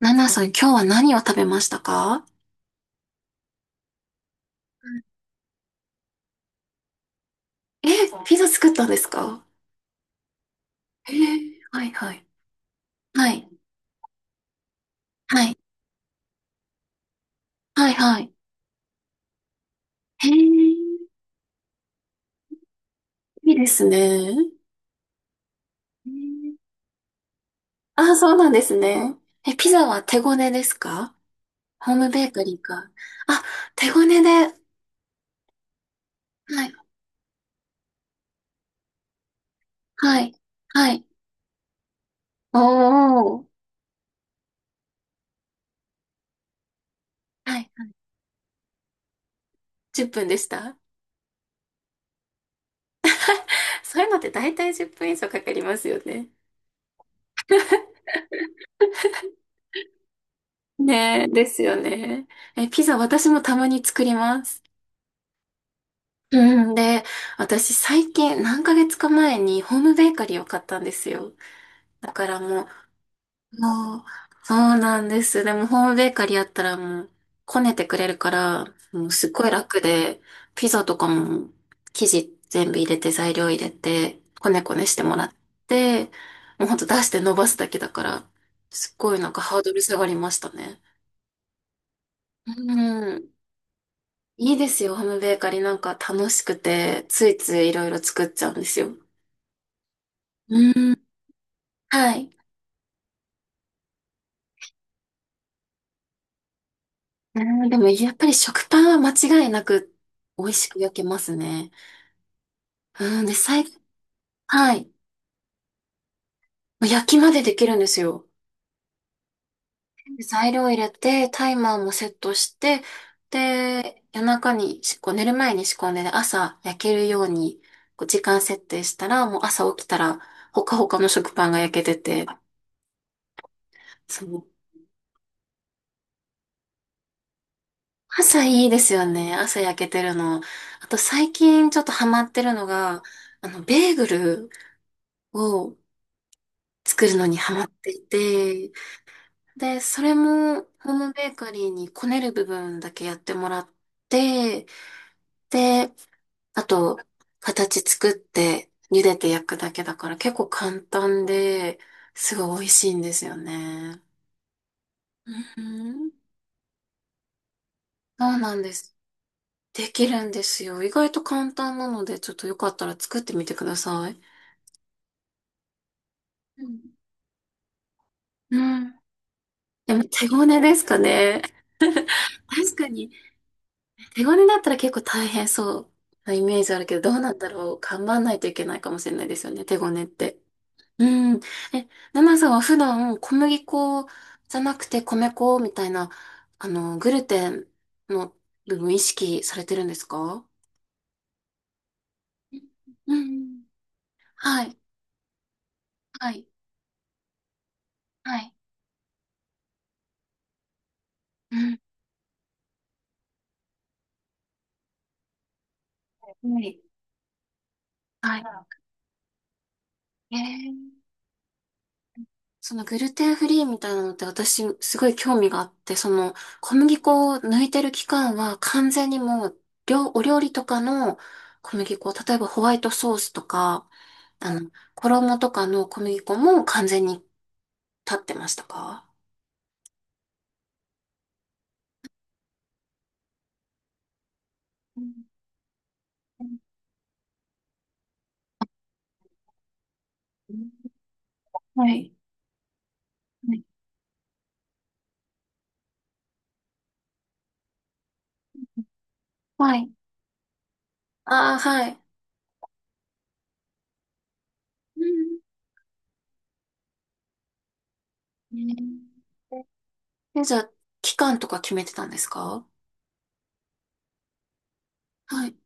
ナナさん、今日は何を食べましたか？え、ピザ作ったんですか？えー、はいはい。はい、はい、はい、はい。へえ、いいですね。えー、あ、そうなんですね。え、ピザは手ごねですか？ホームベーカリーか。あ、手ごねで。はい、はい、はい。おー。はい。10分でした。そういうのって大体10分以上かかりますよね。ねえ、ですよね。え、ピザ私もたまに作ります。うん、で、私最近何ヶ月か前にホームベーカリーを買ったんですよ。だからもう、そうなんです。でもホームベーカリーやったらもう、こねてくれるから、もうすっごい楽で、ピザとかも生地全部入れて材料入れて、こねこねしてもらって、もうほんと出して伸ばすだけだから、すっごいなんかハードル下がりましたね。うん、いいですよ、ホームベーカリーなんか楽しくて、ついついいろいろ作っちゃうんですよ。うーん。はい。うーん、でもやっぱり食パンは間違いなく美味しく焼けますね。うん、で、はい。焼きまでできるんですよ。材料入れて、タイマーもセットして、で、夜中にこう寝る前に仕込んで、で朝焼けるように、こう時間設定したら、もう朝起きたら、ほかほかの食パンが焼けてて、そう。朝いいですよね。朝焼けてるの。あと最近ちょっとハマってるのが、ベーグルを、作るのにハマっていて、で、それもホームベーカリーにこねる部分だけやってもらって、で、あと、形作って茹でて焼くだけだから結構簡単で、すごい美味しいんですよね。うん、そうなんです。できるんですよ。意外と簡単なので、ちょっとよかったら作ってみてください。うん。うん。でも手ごねですかね。確かに。手ごねだったら結構大変そうなイメージあるけど、どうなんだろう。頑張んないといけないかもしれないですよね、手ごねって。うん。え、ナナさんは普段小麦粉じゃなくて米粉みたいな、グルテンの部分意識されてるんですか？うん。はい。はい。はい。うん。はい。はい。えーそのグルテンフリーみたいなのって私すごい興味があって、その小麦粉を抜いてる期間は完全にもうお料理とかの小麦粉、例えばホワイトソースとか、衣とかの小麦粉も完全に立ってましたか？はい。うんはいはい。ああ、はい。うん、え、じゃあ、期間とか決めてたんですか？はい。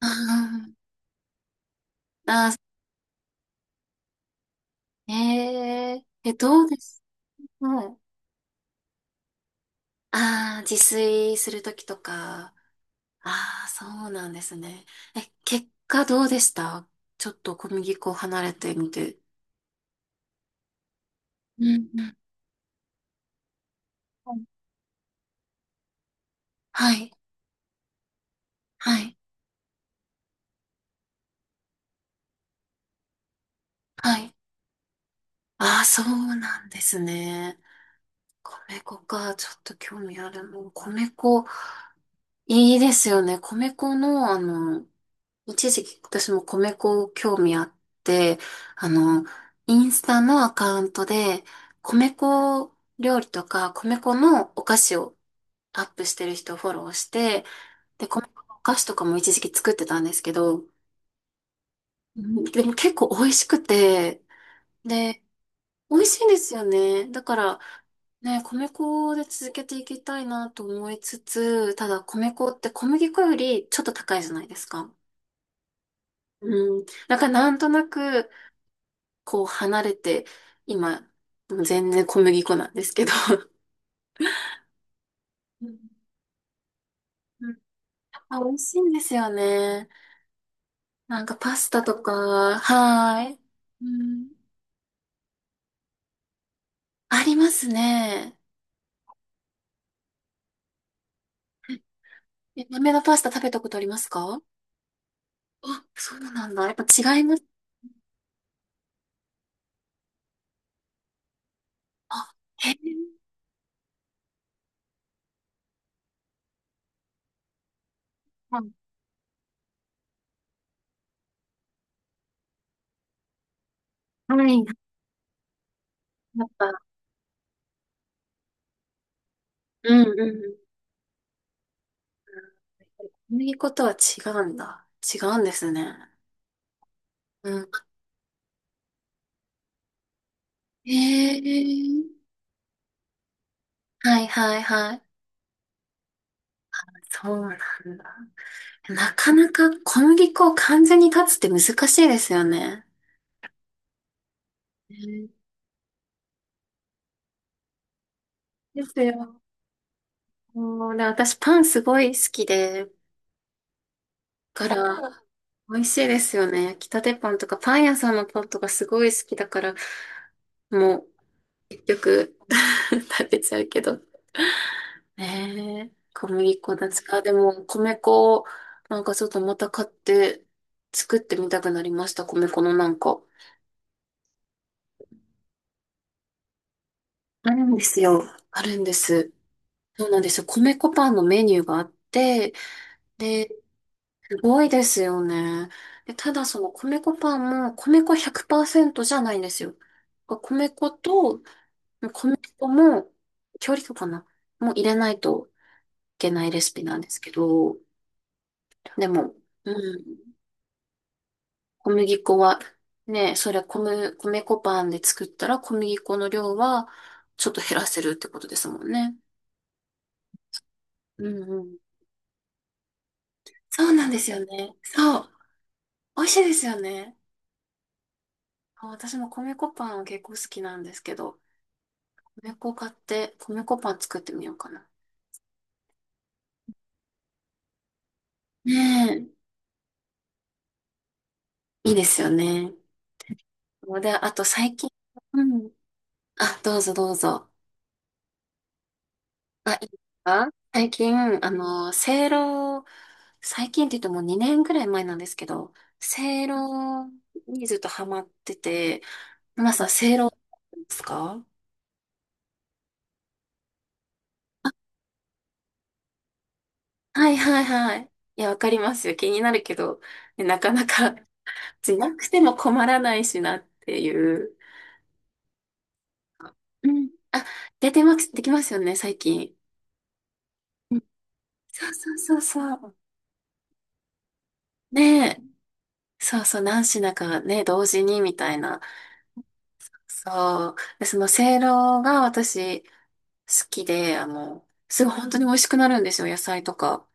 あー、あー、え、ええ、どうです？はい。ああ、自炊するときとか。ああ、そうなんですね。え、結果どうでした？ちょっと小麦粉を離れてみて。うんうん。はい。はい、はい、ああ、そうなんですね。米粉か、ちょっと興味ある。もう米粉、いいですよね。米粉の、一時期私も米粉興味あって、あの、インスタのアカウントで、米粉料理とか、米粉のお菓子をアップしてる人をフォローして、で、細かいお菓子とかも一時期作ってたんですけど、うん、でも結構美味しくて、で、美味しいんですよね。だからね、米粉で続けていきたいなと思いつつ、ただ米粉って小麦粉よりちょっと高いじゃないですか。うん。だからなんとなく、こう離れて、今、もう全然小麦粉なんですけど。うん、うん、あ、美味しいんですよね。なんかパスタとか、はーい。うん、ありますね。え、豆のパスタ食べたことありますか？あ、そうなんだ。やっぱ違います。あ、へえ。はい。はい、やっぱ、うん、うん、小麦粉とは違うんだ。違うんですね。うん。へえ。はいはいはい。そうなんだ。なかなか小麦粉を完全に断つって難しいですよね。ね、ですよ。もうね、私パンすごい好きで、だから、美味しいですよね。焼きたてパンとか、パン屋さんのパンとかすごい好きだから、もう結局 食べちゃうけど。ねえ、小麦粉だつか。でも、米粉を、なんかちょっとまた買って、作ってみたくなりました。米粉のなんか。あるんですよ。あるんです。そうなんですよ。米粉パンのメニューがあって、で、すごいですよね。で、ただその米粉パンも米粉100%じゃないんですよ。米粉とこの人も、調理とかな、もう入れないといけないレシピなんですけど、でも、うん、小麦粉は、ね、それは米粉パンで作ったら小麦粉の量はちょっと減らせるってことですもんね。うんうん。そうなんですよね。そう。美味しいですよね。あ、私も米粉パンは結構好きなんですけど、米粉買って米粉パン作ってみようかな。ねえ、いいですよね。で、あと最近、うん。あ、どうぞどうぞ。あ、いいですか？最近、せいろ、最近って言っても2年ぐらい前なんですけど、せいろにずっとハマってて、皆さん、せいろですか？はいはいはい。いや、わかりますよ。気になるけど、ね、なかなか、しなくても困らないしなっていう。うん。あ、出てます、できますよね、最近。そうそうそうそう。ねえ。そうそう、何品かね、同時にみたいな。そう。で、その、せいろが私、好きで、すごい本当に美味しくなるんですよ、野菜とか。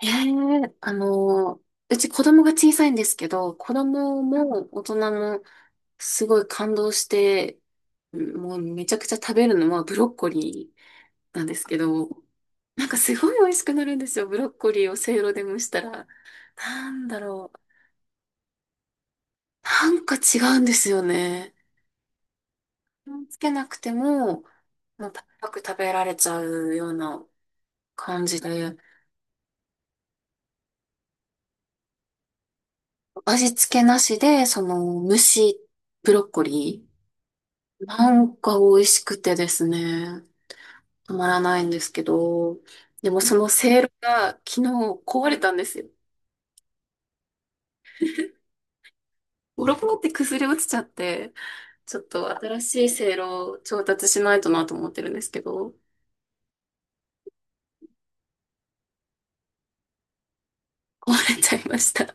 へえ、うち子供が小さいんですけど、子供も大人もすごい感動して、うん、もうめちゃくちゃ食べるのはブロッコリーなんですけど、なんかすごい美味しくなるんですよ、ブロッコリーをせいろで蒸したら。なんだろう。なんか違うんですよね。つけなくても、もうパクパク食べられちゃうような感じで。味付けなしで、その、蒸しブロッコリー。なんか美味しくてですね、たまらないんですけど、でもそのせいろが昨日壊れたんですよ。ボロボロって崩れ落ちちゃって、ちょっと新しいせいろを調達しないとなと思ってるんですけど、壊れちゃいました。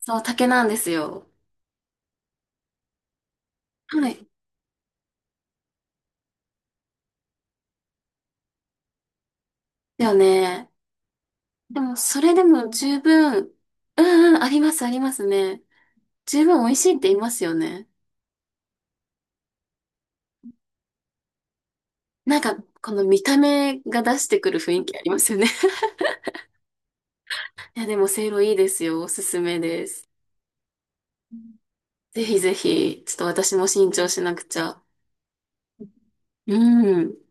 そう、竹なんですよ。はい。だよね。でも、それでも十分、うんうん、あります、ありますね。十分美味しいって言いますよね。なんか、この見た目が出してくる雰囲気ありますよね。いや、でも、せいろいいですよ。おすすめです。ぜひぜひ、ちょっと私も新調しなくちゃ。うん。